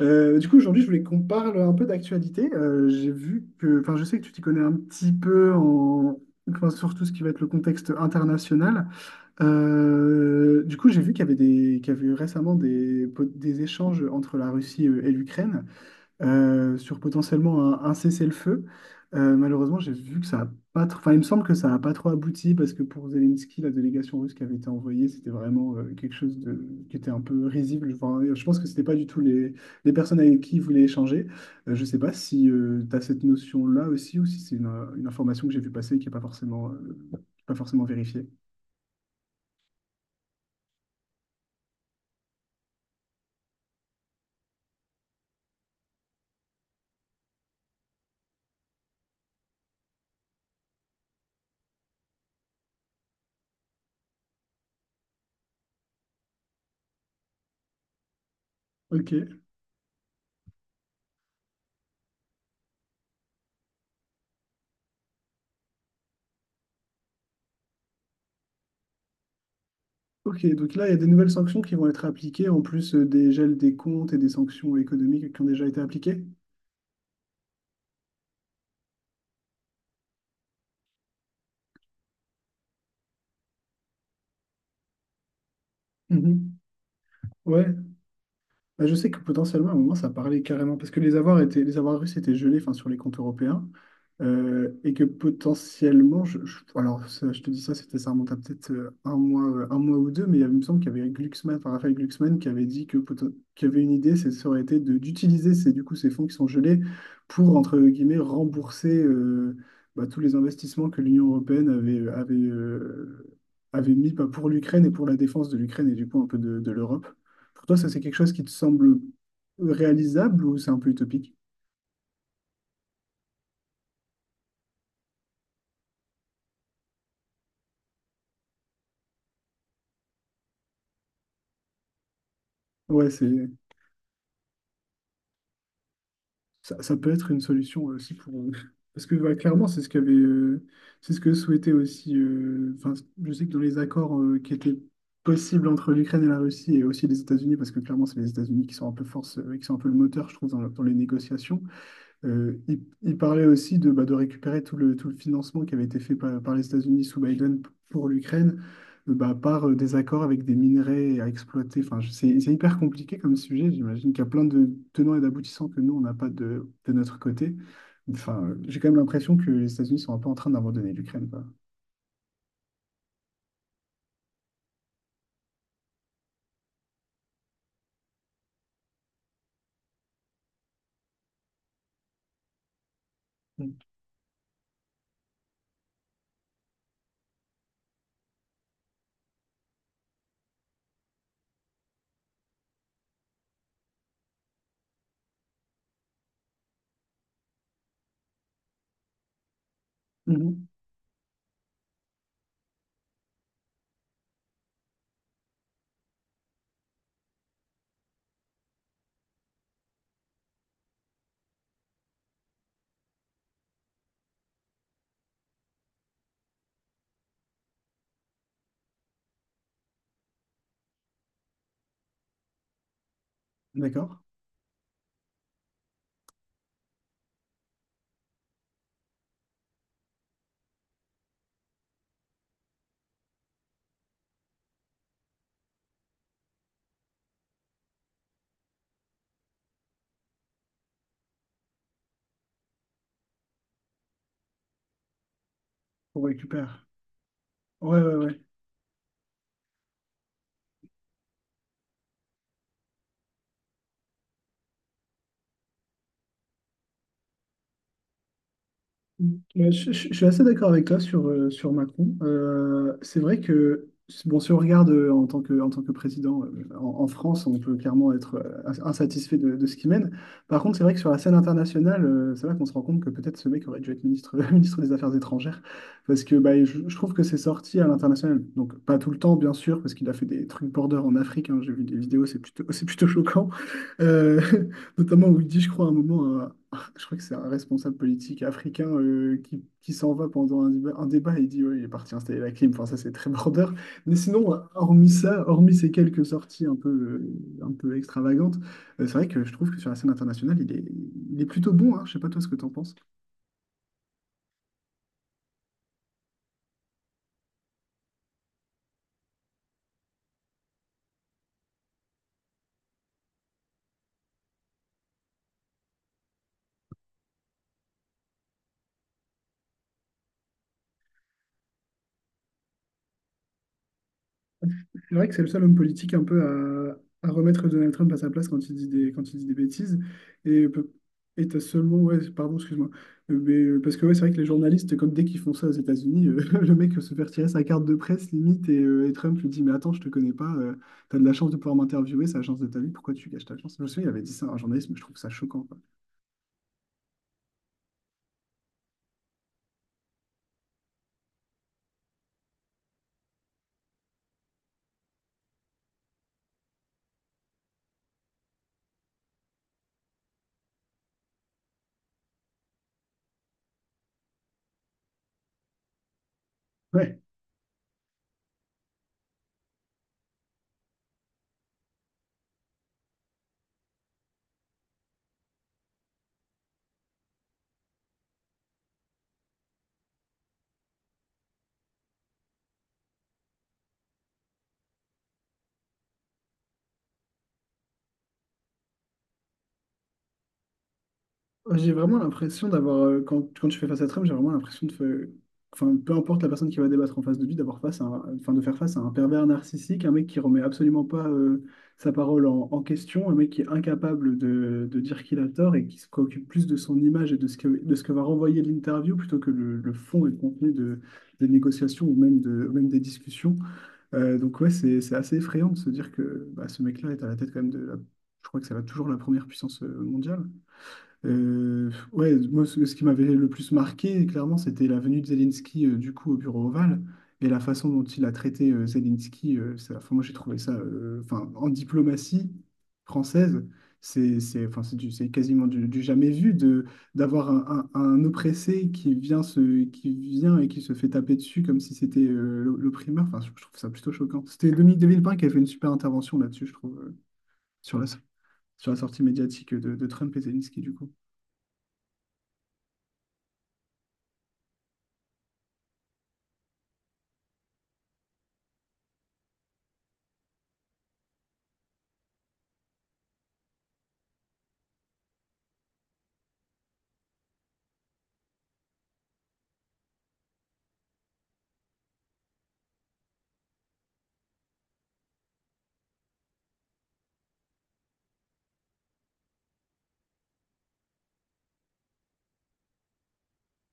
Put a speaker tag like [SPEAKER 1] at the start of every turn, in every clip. [SPEAKER 1] Aujourd'hui, je voulais qu'on parle un peu d'actualité. J'ai vu que, enfin, je sais que tu t'y connais un petit peu enfin, sur tout ce qui va être le contexte international. J'ai vu qu'il y avait qu'il y avait eu récemment des échanges entre la Russie et l'Ukraine sur potentiellement un cessez-le-feu. Malheureusement, j'ai vu que ça a pas trop... Enfin, il me semble que ça n'a pas trop abouti parce que pour Zelensky, la délégation russe qui avait été envoyée, c'était vraiment quelque chose de... qui était un peu risible. Enfin, je pense que c'était pas du tout les personnes avec qui il voulait échanger. Je sais pas si tu as cette notion-là aussi ou si c'est une information que j'ai vu passer et qui n'est pas forcément, pas forcément vérifiée. Ok, ok. Donc là, il y a des nouvelles sanctions qui vont être appliquées en plus des gels des comptes et des sanctions économiques qui ont déjà été appliquées. Mhm. Ouais. Bah, je sais que potentiellement à un moment ça parlait carrément parce que les avoirs étaient, les avoirs russes étaient gelés enfin, sur les comptes européens et que potentiellement, alors ça, je te dis ça, c'était ça remonte à peut-être un mois ou deux, mais il me semble qu'il y avait Glucksmann, enfin Raphaël Glucksmann qui avait dit que qu'il y avait une idée, ça aurait été d'utiliser du coup, ces fonds qui sont gelés pour entre guillemets rembourser bah, tous les investissements que l'Union européenne avait mis bah, pour l'Ukraine et pour la défense de l'Ukraine et du coup un peu de l'Europe. Pour toi, ça, c'est quelque chose qui te semble réalisable ou c'est un peu utopique? Ouais, c'est ça, ça peut être une solution aussi pour parce que bah, clairement, c'est ce qu'avait c'est ce que souhaitait aussi enfin, je sais que dans les accords qui étaient possibles entre l'Ukraine et la Russie et aussi les États-Unis parce que clairement, c'est les États-Unis qui sont un peu force qui sont un peu le moteur, je trouve dans les négociations. Il parlait aussi de, bah, de récupérer tout le financement qui avait été fait par les États-Unis sous Biden pour l'Ukraine, bah, par des accords avec des minerais à exploiter. C'est hyper compliqué comme sujet. J'imagine qu'il y a plein de tenants et d'aboutissants que nous, on n'a pas de notre côté. Enfin, j'ai quand même l'impression que les États-Unis sont un peu en train d'abandonner l'Ukraine, quoi. Mm. Mhm. D'accord? On récupère. Ouais, ouais, ouais. Mm. Ouais, je suis assez d'accord avec toi sur, sur Macron. C'est vrai que, bon, si on regarde en tant que président en France, on peut clairement être insatisfait de ce qu'il mène. Par contre, c'est vrai que sur la scène internationale, c'est là qu'on se rend compte que peut-être ce mec aurait dû être ministre, ministre des Affaires étrangères. Parce que bah, je trouve que c'est sorti à l'international. Donc, pas tout le temps, bien sûr, parce qu'il a fait des trucs border en Afrique, hein. J'ai vu des vidéos, c'est plutôt, c'est plutôt choquant. Euh, Notamment où il dit, je crois, à un moment, je crois que c'est un responsable politique africain qui s'en va pendant un débat et il dit, ouais, il est parti installer la clim. Enfin, ça, c'est très border. Mais sinon, hormis ça, hormis ces quelques sorties un peu extravagantes, c'est vrai que je trouve que sur la scène internationale, il est plutôt bon, hein. Je sais pas toi ce que t'en penses. C'est vrai que c'est le seul homme politique un peu à remettre Donald Trump à sa place quand il dit quand il dit des bêtises. Et, peut- et t'as seulement, ouais, pardon, excuse-moi. Mais parce que ouais, c'est vrai que les journalistes, comme dès qu'ils font ça aux États-Unis, le mec se fait retirer sa carte de presse limite et et Trump lui dit, mais attends, je te connais pas, t'as de la chance de pouvoir m'interviewer, c'est la chance de ta vie, pourquoi tu gâches ta chance? Je me souviens, il avait dit ça à un journaliste, mais je trouve ça choquant, quoi. Ouais. Ouais, j'ai vraiment l'impression d'avoir, quand tu fais face à Trump, j'ai vraiment l'impression de enfin, peu importe la personne qui va débattre en face de lui, d'avoir face à enfin, de faire face à un pervers narcissique, un mec qui remet absolument pas sa parole en question, un mec qui est incapable de dire qu'il a tort et qui se préoccupe plus de son image et de ce que va renvoyer l'interview plutôt que le fond et le contenu des négociations ou même, même des discussions. Donc ouais, c'est assez effrayant de se dire que bah, ce mec-là est à la tête quand même de la, je crois que ça va toujours la première puissance mondiale. Ouais, moi, ce qui m'avait le plus marqué, clairement, c'était la venue de Zelensky, du coup, au bureau ovale et la façon dont il a traité Zelensky. Enfin, moi, j'ai trouvé ça, enfin, en diplomatie française, enfin, c'est c'est quasiment du jamais vu de, d'avoir un oppressé qui vient, qui vient et qui se fait taper dessus comme si c'était l'opprimeur. Enfin, je trouve ça plutôt choquant. C'était Dominique de Villepin qui a fait une super intervention là-dessus, je trouve, sur la, sur la sortie médiatique de Trump et Zelensky, du coup.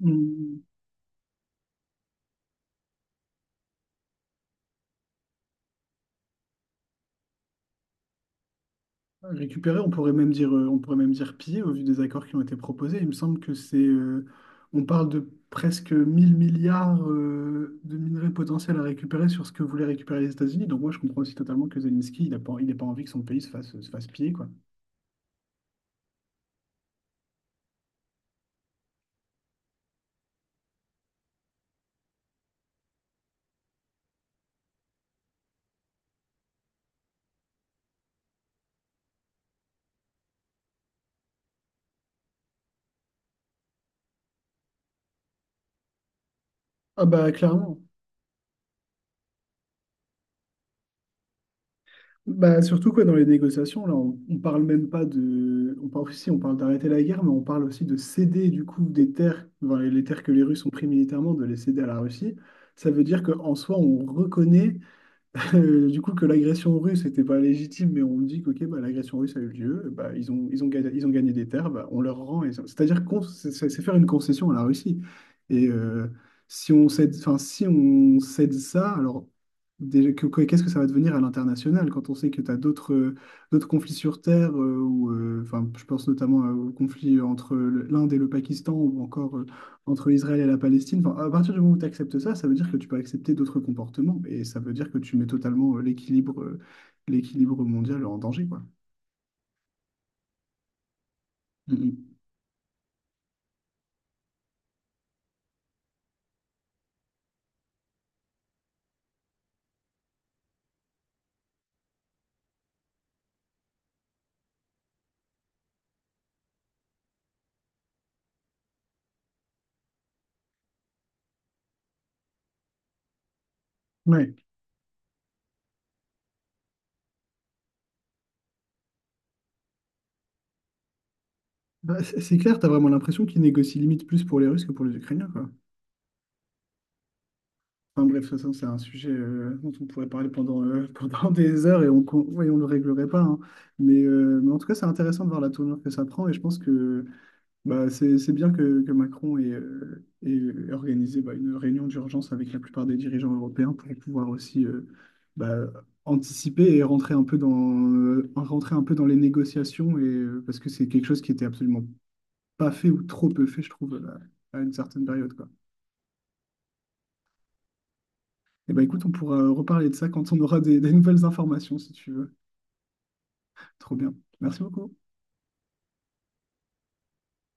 [SPEAKER 1] Hmm. Récupérer, on pourrait même dire, on pourrait même dire piller au vu des accords qui ont été proposés. Il me semble que on parle de presque 1000 milliards de minerais potentiels à récupérer sur ce que voulaient récupérer les États-Unis. Donc moi, je comprends aussi totalement que Zelensky, il n'a pas envie que son pays se fasse piller, quoi. Ah bah clairement. Bah, surtout quoi, dans les négociations, là, on parle même pas de. On parle aussi, on parle d'arrêter la guerre, mais on parle aussi de céder du coup des terres, enfin, les terres que les Russes ont pris militairement, de les céder à la Russie. Ça veut dire qu'en soi, on reconnaît que l'agression russe n'était pas légitime, mais on me dit que ok, bah, l'agression russe a eu lieu, bah, ils ont gagné des terres, bah, on leur rend, c'est-à-dire qu'on, c'est faire une concession à la Russie. Et si on cède, enfin, si on cède ça, alors déjà, qu'est-ce que ça va devenir à l'international quand on sait que tu as d'autres d'autres conflits sur terre, enfin, je pense notamment au conflit entre l'Inde et le Pakistan, ou encore entre l'Israël et la Palestine, enfin, à partir du moment où tu acceptes ça, ça veut dire que tu peux accepter d'autres comportements et ça veut dire que tu mets totalement l'équilibre mondial en danger, quoi. Mhm. Ouais, bah, c'est clair, tu as vraiment l'impression qu'ils négocient limite plus pour les Russes que pour les Ukrainiens, quoi. Enfin bref, de toute façon, c'est un sujet dont on pourrait parler pendant, pendant des heures et on ne le réglerait pas, hein. Mais en tout cas, c'est intéressant de voir la tournure que ça prend et je pense que bah, c'est bien que Macron ait, ait organisé bah, une réunion d'urgence avec la plupart des dirigeants européens pour pouvoir aussi bah, anticiper et rentrer un peu rentrer un peu dans les négociations, parce que c'est quelque chose qui était absolument pas fait ou trop peu fait, je trouve, à une certaine période, quoi. Et bah, écoute, on pourra reparler de ça quand on aura des nouvelles informations, si tu veux. Trop bien. Merci beaucoup.